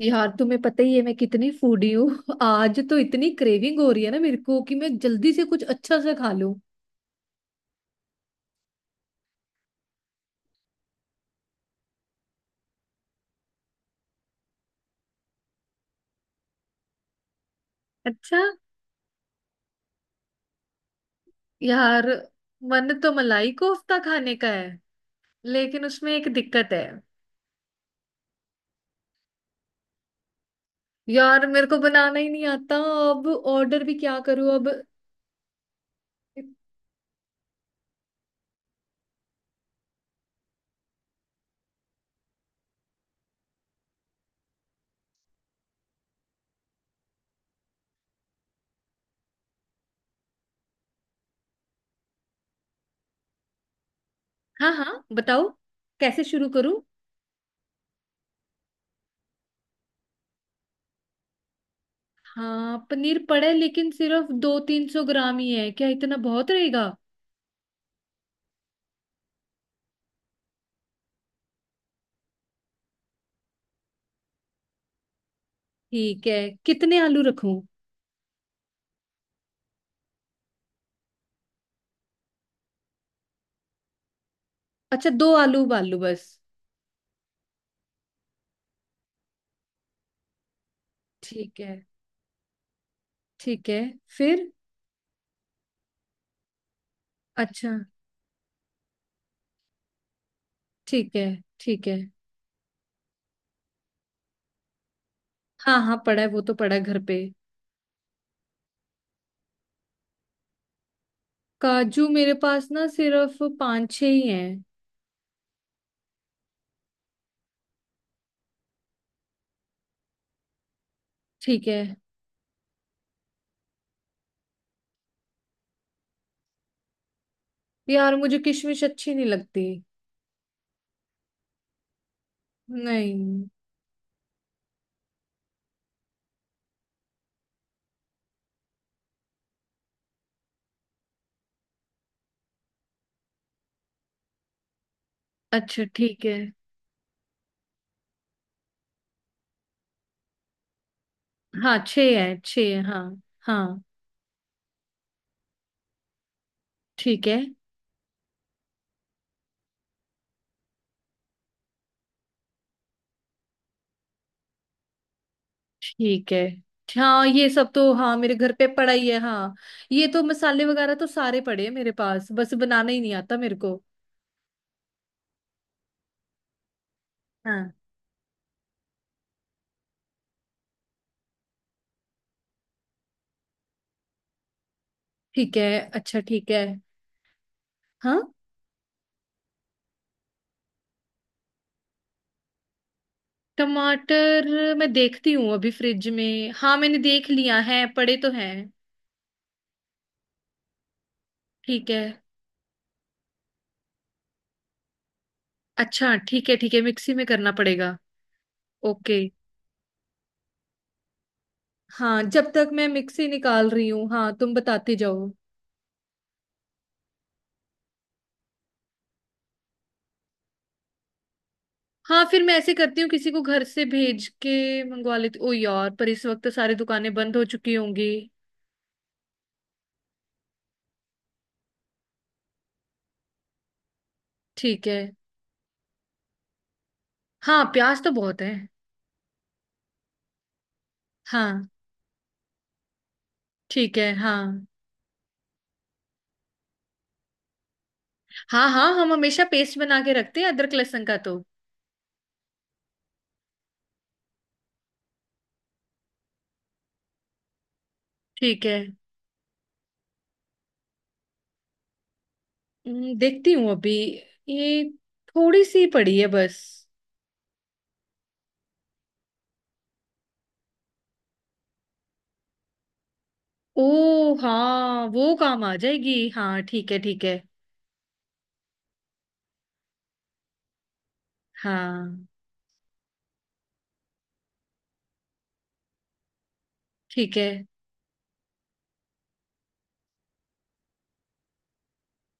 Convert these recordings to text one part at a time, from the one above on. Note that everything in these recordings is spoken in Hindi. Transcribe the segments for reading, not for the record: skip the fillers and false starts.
यार, तुम्हें पता ही है मैं कितनी फूडी हूँ। आज तो इतनी क्रेविंग हो रही है ना मेरे को, कि मैं जल्दी से कुछ अच्छा सा खा लूं। अच्छा। यार, मन तो मलाई कोफ्ता खाने का है, लेकिन उसमें एक दिक्कत है। यार, मेरे को बनाना ही नहीं आता। अब ऑर्डर भी क्या करूं अब। हाँ, हाँ, बताओ। कैसे शुरू करूं? हाँ, पनीर पड़ा है, लेकिन सिर्फ 200-300 ग्राम ही है। क्या इतना बहुत रहेगा? ठीक है। कितने आलू रखूं? अच्छा, दो आलू उबाल लूं बस? ठीक है, ठीक है। फिर? अच्छा, ठीक है, ठीक है। हाँ, हाँ, पड़ा है। वो तो पड़ा है घर पे। काजू मेरे पास ना सिर्फ पांच छह ही हैं। ठीक है। यार, मुझे किशमिश अच्छी नहीं लगती। नहीं। अच्छा, ठीक है। हाँ, छह है, छह है, हाँ। हाँ। ठीक है, ठीक है। हाँ, ये सब तो, हाँ, मेरे घर पे पड़ा ही है, हाँ। ये तो मसाले वगैरह तो सारे पड़े हैं मेरे पास। बस बनाना ही नहीं आता मेरे को। हाँ, ठीक है। अच्छा, ठीक है। हाँ। टमाटर मैं देखती हूँ अभी फ्रिज में। हाँ, मैंने देख लिया है, पड़े तो हैं। ठीक है। अच्छा, ठीक है, ठीक है। मिक्सी में करना पड़ेगा। ओके। हाँ, जब तक मैं मिक्सी निकाल रही हूँ, हाँ, तुम बताते जाओ। हाँ, फिर मैं ऐसे करती हूँ, किसी को घर से भेज के मंगवा लेती। ओ यार, पर इस वक्त तो सारी दुकानें बंद हो चुकी होंगी। ठीक है। हाँ, प्याज तो बहुत है। हाँ। ठीक है, हाँ। हाँ, हाँ, हम हमेशा पेस्ट बना के रखते हैं अदरक लहसुन का तो। ठीक है। देखती हूँ अभी। ये, थोड़ी सी पड़ी है बस। ओ हाँ, वो काम आ जाएगी, हाँ। ठीक है, ठीक है। हाँ। ठीक है,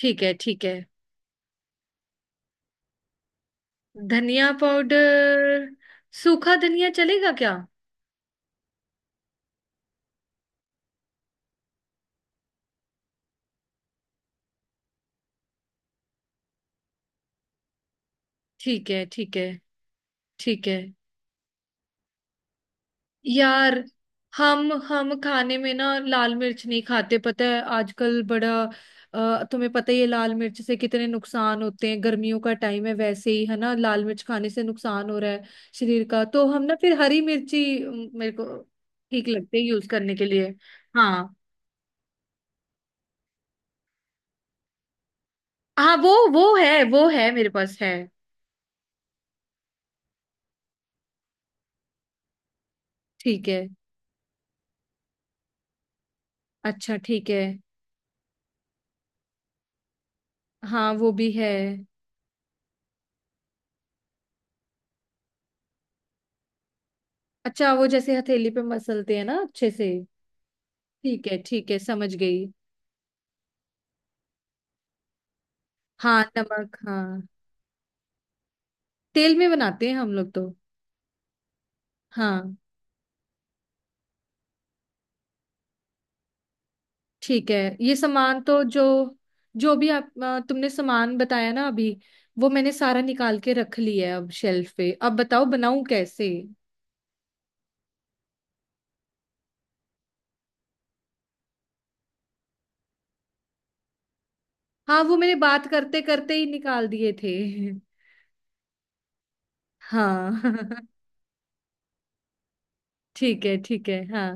ठीक है, ठीक है। धनिया पाउडर? सूखा धनिया चलेगा क्या? ठीक है, ठीक है। ठीक है। यार, हम खाने में ना लाल मिर्च नहीं खाते, पता है, आजकल बड़ा। तुम्हें पता ही है लाल मिर्च से कितने नुकसान होते हैं। गर्मियों का टाइम है, वैसे ही है ना, लाल मिर्च खाने से नुकसान हो रहा है शरीर का। तो हम ना फिर हरी मिर्ची मेरे को ठीक लगते हैं यूज करने के लिए। हाँ। हाँ, वो है, वो है मेरे पास है। ठीक है। अच्छा, ठीक है। हाँ, वो भी है। अच्छा, वो जैसे हथेली पे मसलते हैं ना, अच्छे से। ठीक है, ठीक है, समझ गई। हाँ, नमक, हाँ। तेल में बनाते हैं हम लोग तो। हाँ। ठीक है। ये सामान तो, जो जो भी आप, तुमने सामान बताया ना अभी, वो मैंने सारा निकाल के रख लिया है अब शेल्फ पे। अब बताओ, बनाऊं कैसे? हाँ, वो मैंने बात करते करते ही निकाल दिए थे। हाँ। ठीक है, ठीक है, हाँ।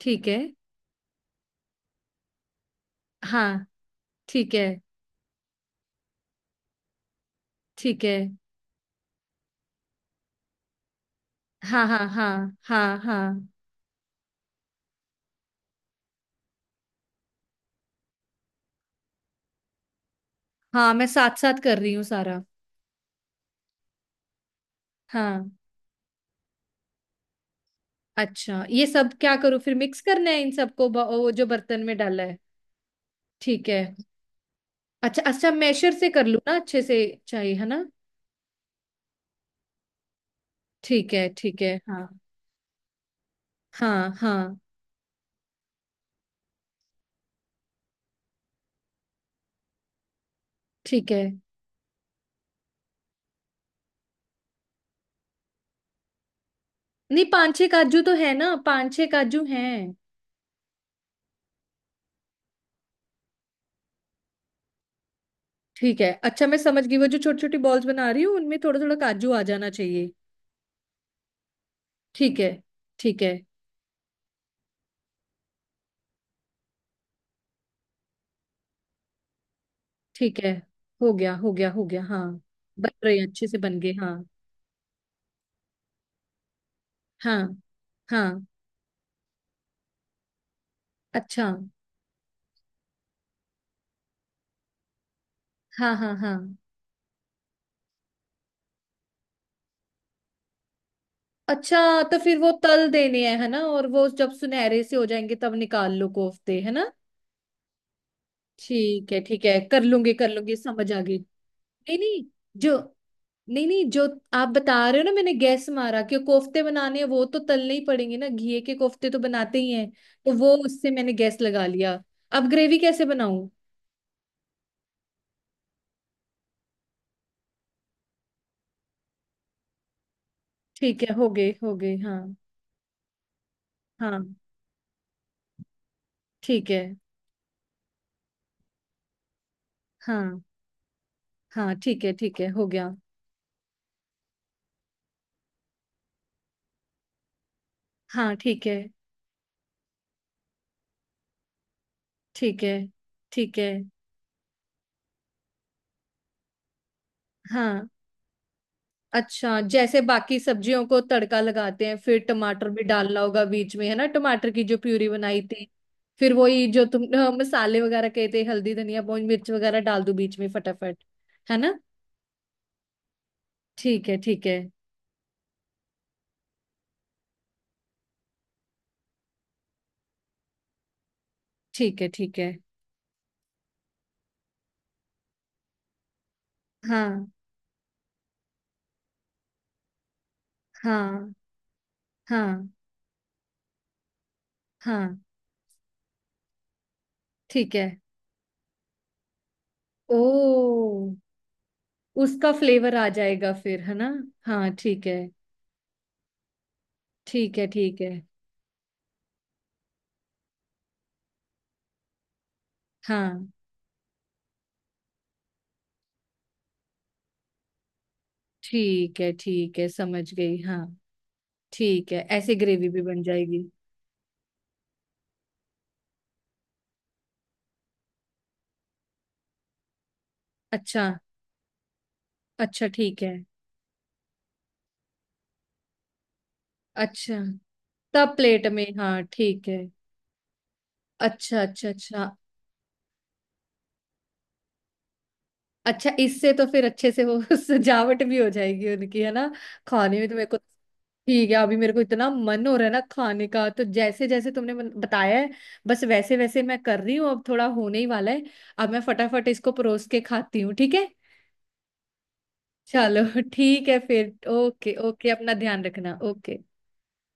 ठीक है। हाँ, ठीक है, ठीक है। हाँ, हाँ, हाँ। हाँ, हाँ, हाँ। मैं साथ साथ कर रही हूँ सारा। हाँ। अच्छा, ये सब क्या करूँ? फिर मिक्स करना है इन सबको, वो जो बर्तन में डाला है। ठीक है। अच्छा, अच्छा, मैशर से कर लूँ ना अच्छे से, चाहिए, है ना? ठीक है, ठीक है, हाँ। हाँ, हाँ। ठीक है। नहीं, पांच छह काजू तो है ना, पांच छह काजू हैं। ठीक है। अच्छा, मैं समझ गई, वो जो छोटी छोटी बॉल्स बना रही हूँ उनमें थोड़ा थोड़ा काजू आ जाना चाहिए। ठीक है, ठीक है। ठीक है, हो गया, हो गया, हो गया, हाँ। बन रहे हैं, अच्छे से बन गए, हाँ। हाँ। हाँ। अच्छा। हाँ, हाँ, हाँ। अच्छा, तो फिर वो तल देने हैं, है ना? और वो जब सुनहरे से हो जाएंगे तब निकाल लो कोफ्ते, है ना? ठीक है, ठीक है, कर लूंगी, कर लूंगी, समझ आ गई। नहीं, नहीं। जो, नहीं, नहीं, जो आप बता रहे हो ना, मैंने गैस मारा कि कोफ्ते बनाने हैं, वो तो तलने ही पड़ेंगे ना, घी के कोफ्ते तो बनाते ही हैं, तो वो उससे मैंने गैस लगा लिया। अब ग्रेवी कैसे बनाऊं? ठीक है, हो गए, हो गए, हाँ। हाँ, ठीक है। हाँ। हाँ, ठीक है, ठीक है, हो गया। हाँ, ठीक है। ठीक है। ठीक है, हाँ। अच्छा, जैसे बाकी सब्जियों को तड़का लगाते हैं, फिर टमाटर भी डालना होगा बीच में, है ना, टमाटर की जो प्यूरी बनाई थी। फिर वही जो तुम मसाले वगैरह कहे थे, हल्दी, धनिया, पूंज मिर्च वगैरह डाल दूं बीच में फटाफट? है ना? ठीक है, ठीक है। ठीक है, ठीक है। हाँ। हाँ, हाँ, हाँ। ठीक है। ओ, उसका फ्लेवर आ जाएगा फिर, है ना? हाँ, ठीक है। ठीक है, ठीक है। हाँ। ठीक है, ठीक है, समझ गई, हाँ। ठीक है, ऐसे ग्रेवी भी बन जाएगी। अच्छा। अच्छा, ठीक है। अच्छा, तब प्लेट में, हाँ, ठीक है। अच्छा, अच्छा, अच्छा। अच्छा, इससे तो फिर अच्छे से वो सजावट भी हो जाएगी उनकी, है ना? खाने में तो मेरे को। ठीक है, अभी मेरे को इतना मन हो रहा है ना खाने का, तो जैसे जैसे तुमने बताया है, बस वैसे वैसे मैं कर रही हूँ। अब थोड़ा होने ही वाला है। अब मैं फटाफट इसको परोस के खाती हूँ, ठीक है? चलो, ठीक है फिर। ओके, ओके, अपना ध्यान रखना, ओके।